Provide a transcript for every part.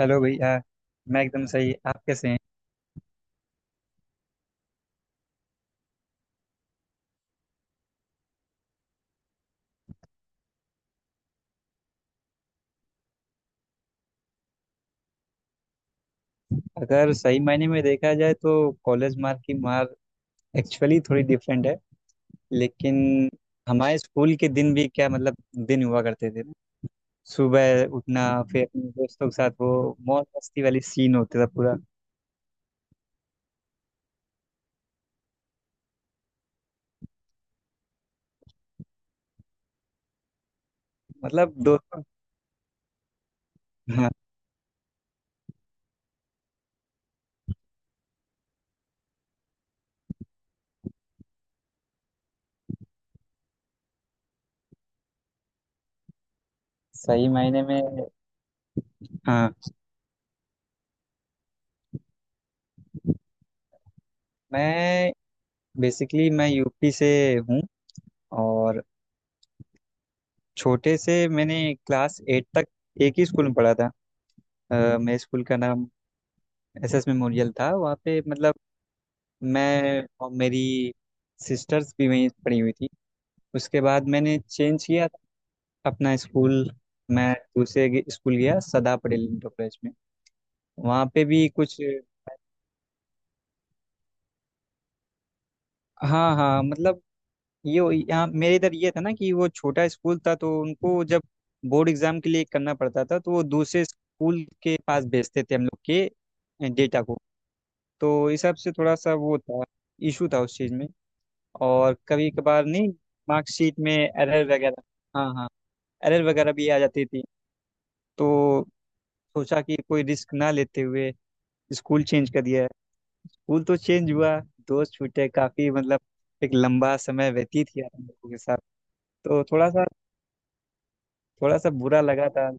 Hello भैया। मैं एकदम सही, आप कैसे हैं? अगर सही मायने में देखा जाए तो कॉलेज मार्क की मार एक्चुअली थोड़ी डिफरेंट है। लेकिन हमारे स्कूल के दिन भी क्या, मतलब दिन हुआ करते थे ना। सुबह उठना, फिर अपने दोस्तों के साथ वो मौज मस्ती वाली सीन होता था पूरा। मतलब दोस्तों। हाँ, सही मायने में। हाँ। मैं बेसिकली मैं यूपी से हूँ। और छोटे से मैंने क्लास 8 तक एक ही स्कूल में पढ़ा था। मेरे स्कूल का नाम एसएस मेमोरियल था, वहाँ पे मतलब मैं और मेरी सिस्टर्स भी वहीं पढ़ी हुई थी। उसके बाद मैंने चेंज किया अपना स्कूल। मैं दूसरे स्कूल गया, सदा पटेल इंटर कॉलेज में। वहाँ पे भी कुछ। हाँ हाँ, मतलब ये यहाँ मेरे इधर ये था ना कि वो छोटा स्कूल था, तो उनको जब बोर्ड एग्जाम के लिए करना पड़ता था तो वो दूसरे स्कूल के पास भेजते थे हम लोग के डेटा को। तो इस हिसाब से थोड़ा सा वो था, इशू था उस चीज़ में। और कभी कभार नहीं मार्कशीट में एरर वगैरह। हाँ हाँ, एरर वगैरह भी आ जाती थी। तो सोचा कि कोई रिस्क ना लेते हुए स्कूल चेंज कर दिया। स्कूल तो चेंज हुआ, दोस्त छूटे काफी, मतलब एक लंबा समय व्यतीत किया हम लोगों के साथ। तो थोड़ा सा बुरा लगा था।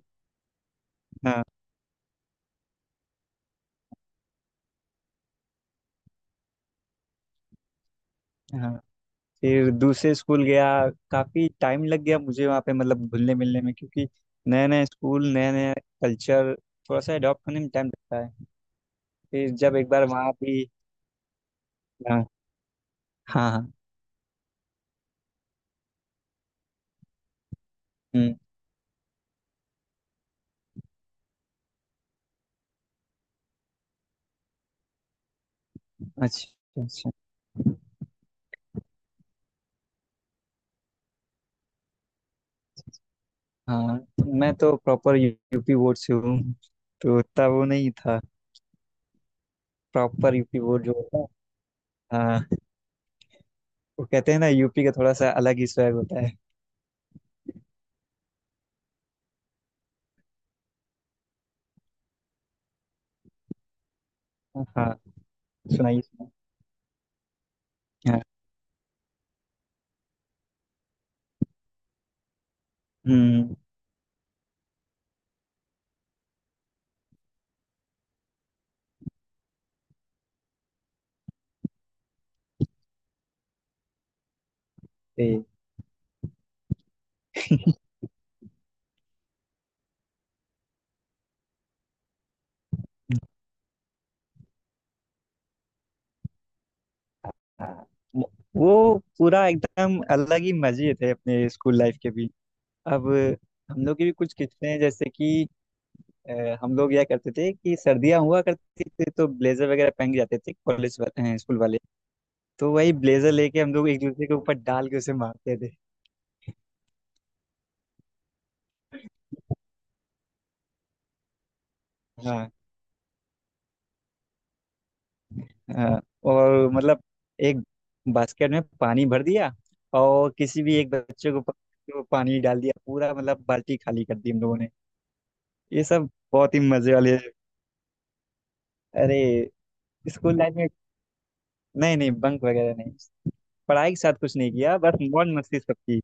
हाँ हाँ। फिर दूसरे स्कूल गया। काफी टाइम लग गया मुझे वहाँ पे मतलब घुलने मिलने में, क्योंकि नया नया स्कूल, नया नया कल्चर। थोड़ा सा अडॉप्ट होने में टाइम लगता है। फिर जब एक बार वहाँ भी हाँ, हाँ हाँ। हम्म, अच्छा अच्छा। हाँ, मैं तो प्रॉपर यूपी बोर्ड से हूँ, तो उतना वो नहीं था। प्रॉपर यूपी बोर्ड जो होता है, हाँ। वो कहते हैं ना, यूपी का थोड़ा सा अलग ही स्वैग होता है। हाँ, सुनाइए सुनाइए। हाँ। हम्म। ए, हाँ, वो वो पूरा एकदम अलग ही मजे थे अपने स्कूल लाइफ के भी। अब हम लोग की भी कुछ किस्से हैं, जैसे कि हम लोग यह करते थे कि सर्दियाँ हुआ करती थी तो ब्लेजर वगैरह पहन के जाते थे कॉलेज, स्कूल वाले। तो वही ब्लेजर लेके हम लोग एक दूसरे के ऊपर डाल के उसे मारते थे। हाँ, हाँ, और मतलब एक बास्केट में पानी भर दिया और किसी भी एक बच्चे को पकड़ के वो पानी डाल दिया पूरा, मतलब बाल्टी खाली कर दी हम लोगों ने। ये सब बहुत ही मजे वाले। अरे, स्कूल लाइफ में नहीं नहीं, बंक वगैरह नहीं। पढ़ाई के साथ कुछ नहीं किया, बस मौज मस्ती सबकी।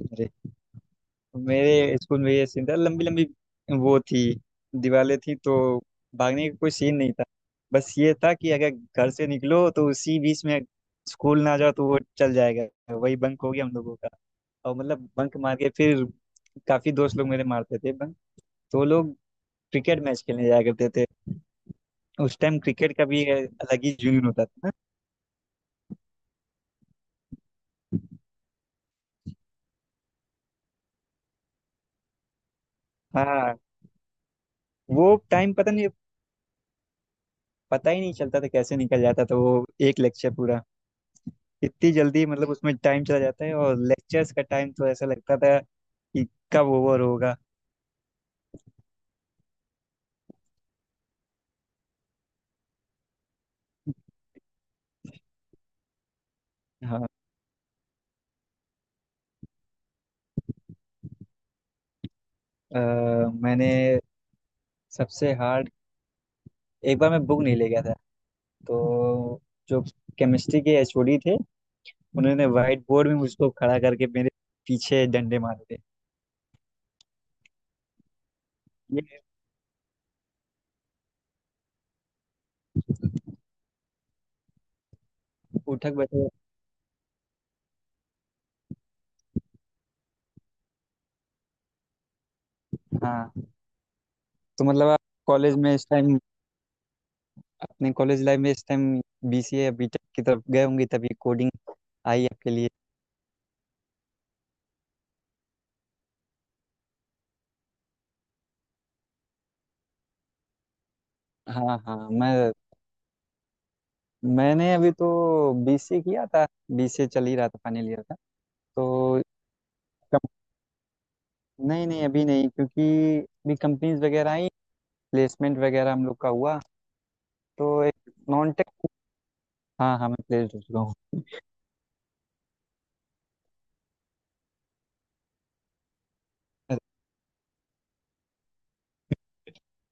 अच्छा, मेरे स्कूल में ये सीन था। लंबी लंबी वो थी, दीवारें थी, तो भागने का कोई सीन नहीं था। बस ये था कि अगर घर से निकलो तो उसी बीच में स्कूल ना जाओ तो वो चल जाएगा, वही बंक हो गया हम लोगों का। और मतलब बंक मार के फिर काफी दोस्त लोग मेरे मारते थे बंक, तो वो लोग क्रिकेट मैच खेलने जाया करते थे। उस टाइम क्रिकेट का भी अलग ही जुनून होता था। हाँ, वो टाइम पता नहीं, पता ही नहीं चलता था कैसे निकल जाता था वो एक लेक्चर पूरा। इतनी जल्दी, मतलब उसमें टाइम चला जाता है, और लेक्चर्स का टाइम तो ऐसा लगता था कि कब ओवर होगा। हाँ। अ, मैंने सबसे हार्ड एक बार मैं बुक नहीं ले गया था, तो जो केमिस्ट्री के एचओडी थे, उन्होंने व्हाइट बोर्ड में मुझको खड़ा करके मेरे पीछे डंडे मारे थे। ये उठक बैठक। हाँ तो मतलब आप कॉलेज में इस टाइम, अपने कॉलेज लाइफ में इस टाइम बीसीए या बीटेक की तरफ गए होंगे, तभी कोडिंग आई आपके लिए। हाँ हाँ, मैंने अभी तो बीसीए किया था। बीसीए चल ही रहा था, फाइनल ईयर था। तो कम, नहीं नहीं, अभी नहीं, क्योंकि अभी कंपनीज वगैरह आई, प्लेसमेंट वगैरह हम लोग का हुआ, तो एक नॉन टेक। हाँ हाँ, मैं प्लेस्ड हो चुका हूँ। अरे,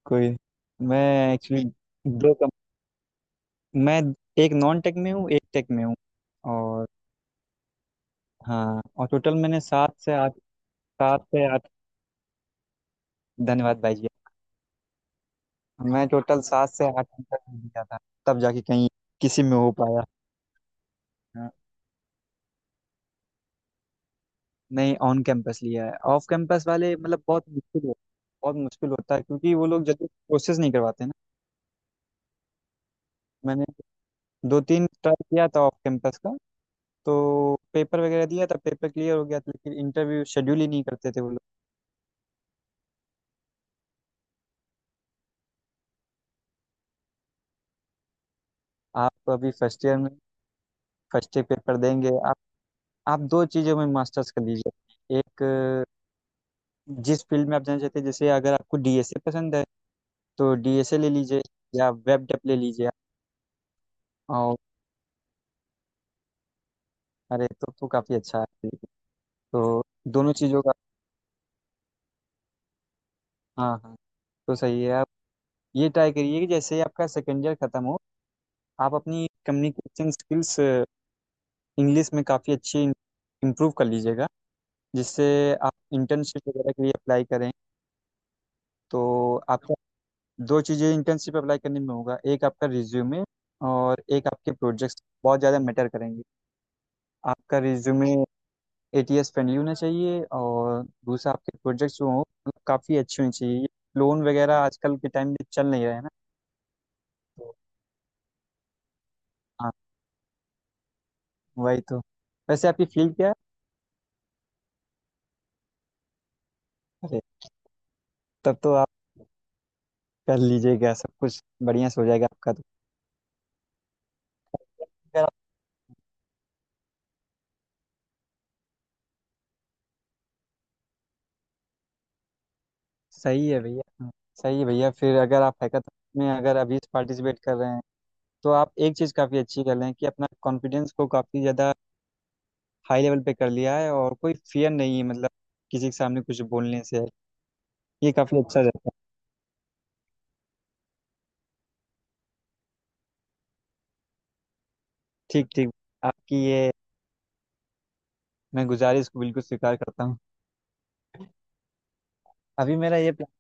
कोई। मैं एक्चुअली दो कम मैं एक नॉन टेक में हूँ, एक टेक में हूँ। और हाँ, और टोटल मैंने सात से आठ। सात से आठ, धन्यवाद भाई जी। मैं टोटल 7 से 8 घंटा दिया था, तब जाके कहीं किसी में हो पाया। नहीं, ऑन कैंपस लिया है। ऑफ कैंपस वाले मतलब बहुत मुश्किल होता है क्योंकि वो लोग जल्दी प्रोसेस नहीं करवाते ना। मैंने दो तीन ट्राई किया था ऑफ कैंपस का। तो पेपर वगैरह दिया था, पेपर क्लियर हो गया था, लेकिन इंटरव्यू शेड्यूल ही नहीं करते थे वो लोग। आप अभी फर्स्ट ईयर में, फर्स्ट ईयर पेपर देंगे आप। आप दो चीज़ों में मास्टर्स कर लीजिए, एक जिस फील्ड में आप जाना चाहते हैं, जैसे अगर आपको डीएसए पसंद है तो डीएसए ले लीजिए या वेब डेप ले लीजिए। और अरे तो काफ़ी अच्छा है। तो दोनों चीज़ों का, हाँ हाँ, तो सही है। आप ये ट्राई करिए कि जैसे ही आपका सेकेंड ईयर खत्म हो, आप अपनी कम्युनिकेशन स्किल्स इंग्लिश में काफ़ी अच्छी इम्प्रूव कर लीजिएगा, जिससे आप इंटर्नशिप वगैरह के लिए अप्लाई करें। तो आपका दो चीज़ें इंटर्नशिप अप्लाई करने में होगा, एक आपका रिज्यूमे और एक आपके प्रोजेक्ट्स बहुत ज़्यादा मैटर करेंगे। आपका रिज्यूमे एटीएस फ्रेंडली होना चाहिए, और दूसरा आपके प्रोजेक्ट्स जो हों काफ़ी अच्छे होने चाहिए। लोन वगैरह आजकल के टाइम में चल नहीं रहे हैं ना, तो हाँ, वही तो। वैसे आपकी फील्ड क्या है? अरे, तब तो आप कर लीजिएगा, सब कुछ बढ़िया से हो जाएगा आपका तो। अगर आप- सही है भैया। हाँ, सही है भैया। फिर अगर आप हैकाथॉन में अगर अभी पार्टिसिपेट कर रहे हैं तो आप एक चीज़ काफ़ी अच्छी कर रहे हैं कि अपना कॉन्फिडेंस को काफ़ी ज़्यादा हाई लेवल पे कर लिया है और कोई फियर नहीं है, मतलब किसी के सामने कुछ बोलने से ये काफ़ी अच्छा रहता है। ठीक ठीक। आपकी ये मैं गुजारिश को बिल्कुल स्वीकार करता हूँ। अभी मेरा ये प्लान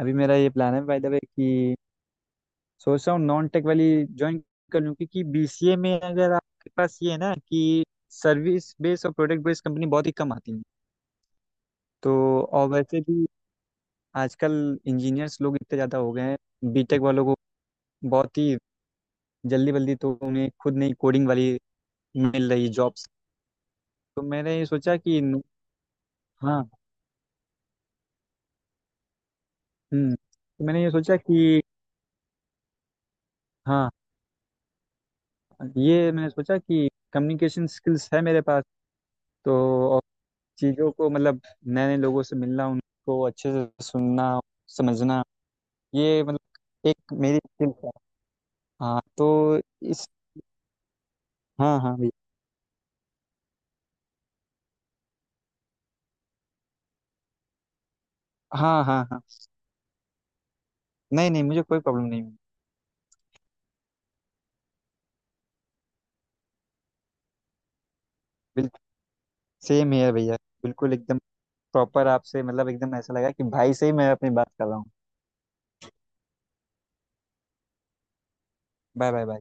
अभी मेरा ये प्लान है बाय द वे कि सोच रहा हूँ नॉन टेक वाली ज्वाइन कर लूँ, क्योंकि बीसीए में अगर आपके पास ये है ना कि सर्विस बेस्ड और प्रोडक्ट बेस्ड कंपनी बहुत ही कम आती है। तो और वैसे भी आजकल इंजीनियर्स लोग इतने ज़्यादा हो गए हैं, बीटेक वालों को बहुत ही जल्दी बल्दी तो उन्हें खुद नहीं कोडिंग वाली मिल रही जॉब्स। तो मैंने ये सोचा कि न- हाँ। हम्म, तो मैंने ये सोचा कि हाँ, ये मैंने सोचा कि कम्युनिकेशन स्किल्स है मेरे पास, तो चीज़ों को मतलब नए नए लोगों से मिलना, उनको अच्छे से सुनना, समझना, ये मतलब एक मेरी स्किल है। हाँ तो इस, हाँ हाँ भैया। हाँ हाँ हाँ, नहीं नहीं, मुझे कोई प्रॉब्लम नहीं हुई। बिल्कुल सेम है भैया, बिल्कुल एकदम प्रॉपर आपसे, मतलब एकदम ऐसा लगा कि भाई से ही मैं अपनी बात कर रहा हूँ। Bye bye bye.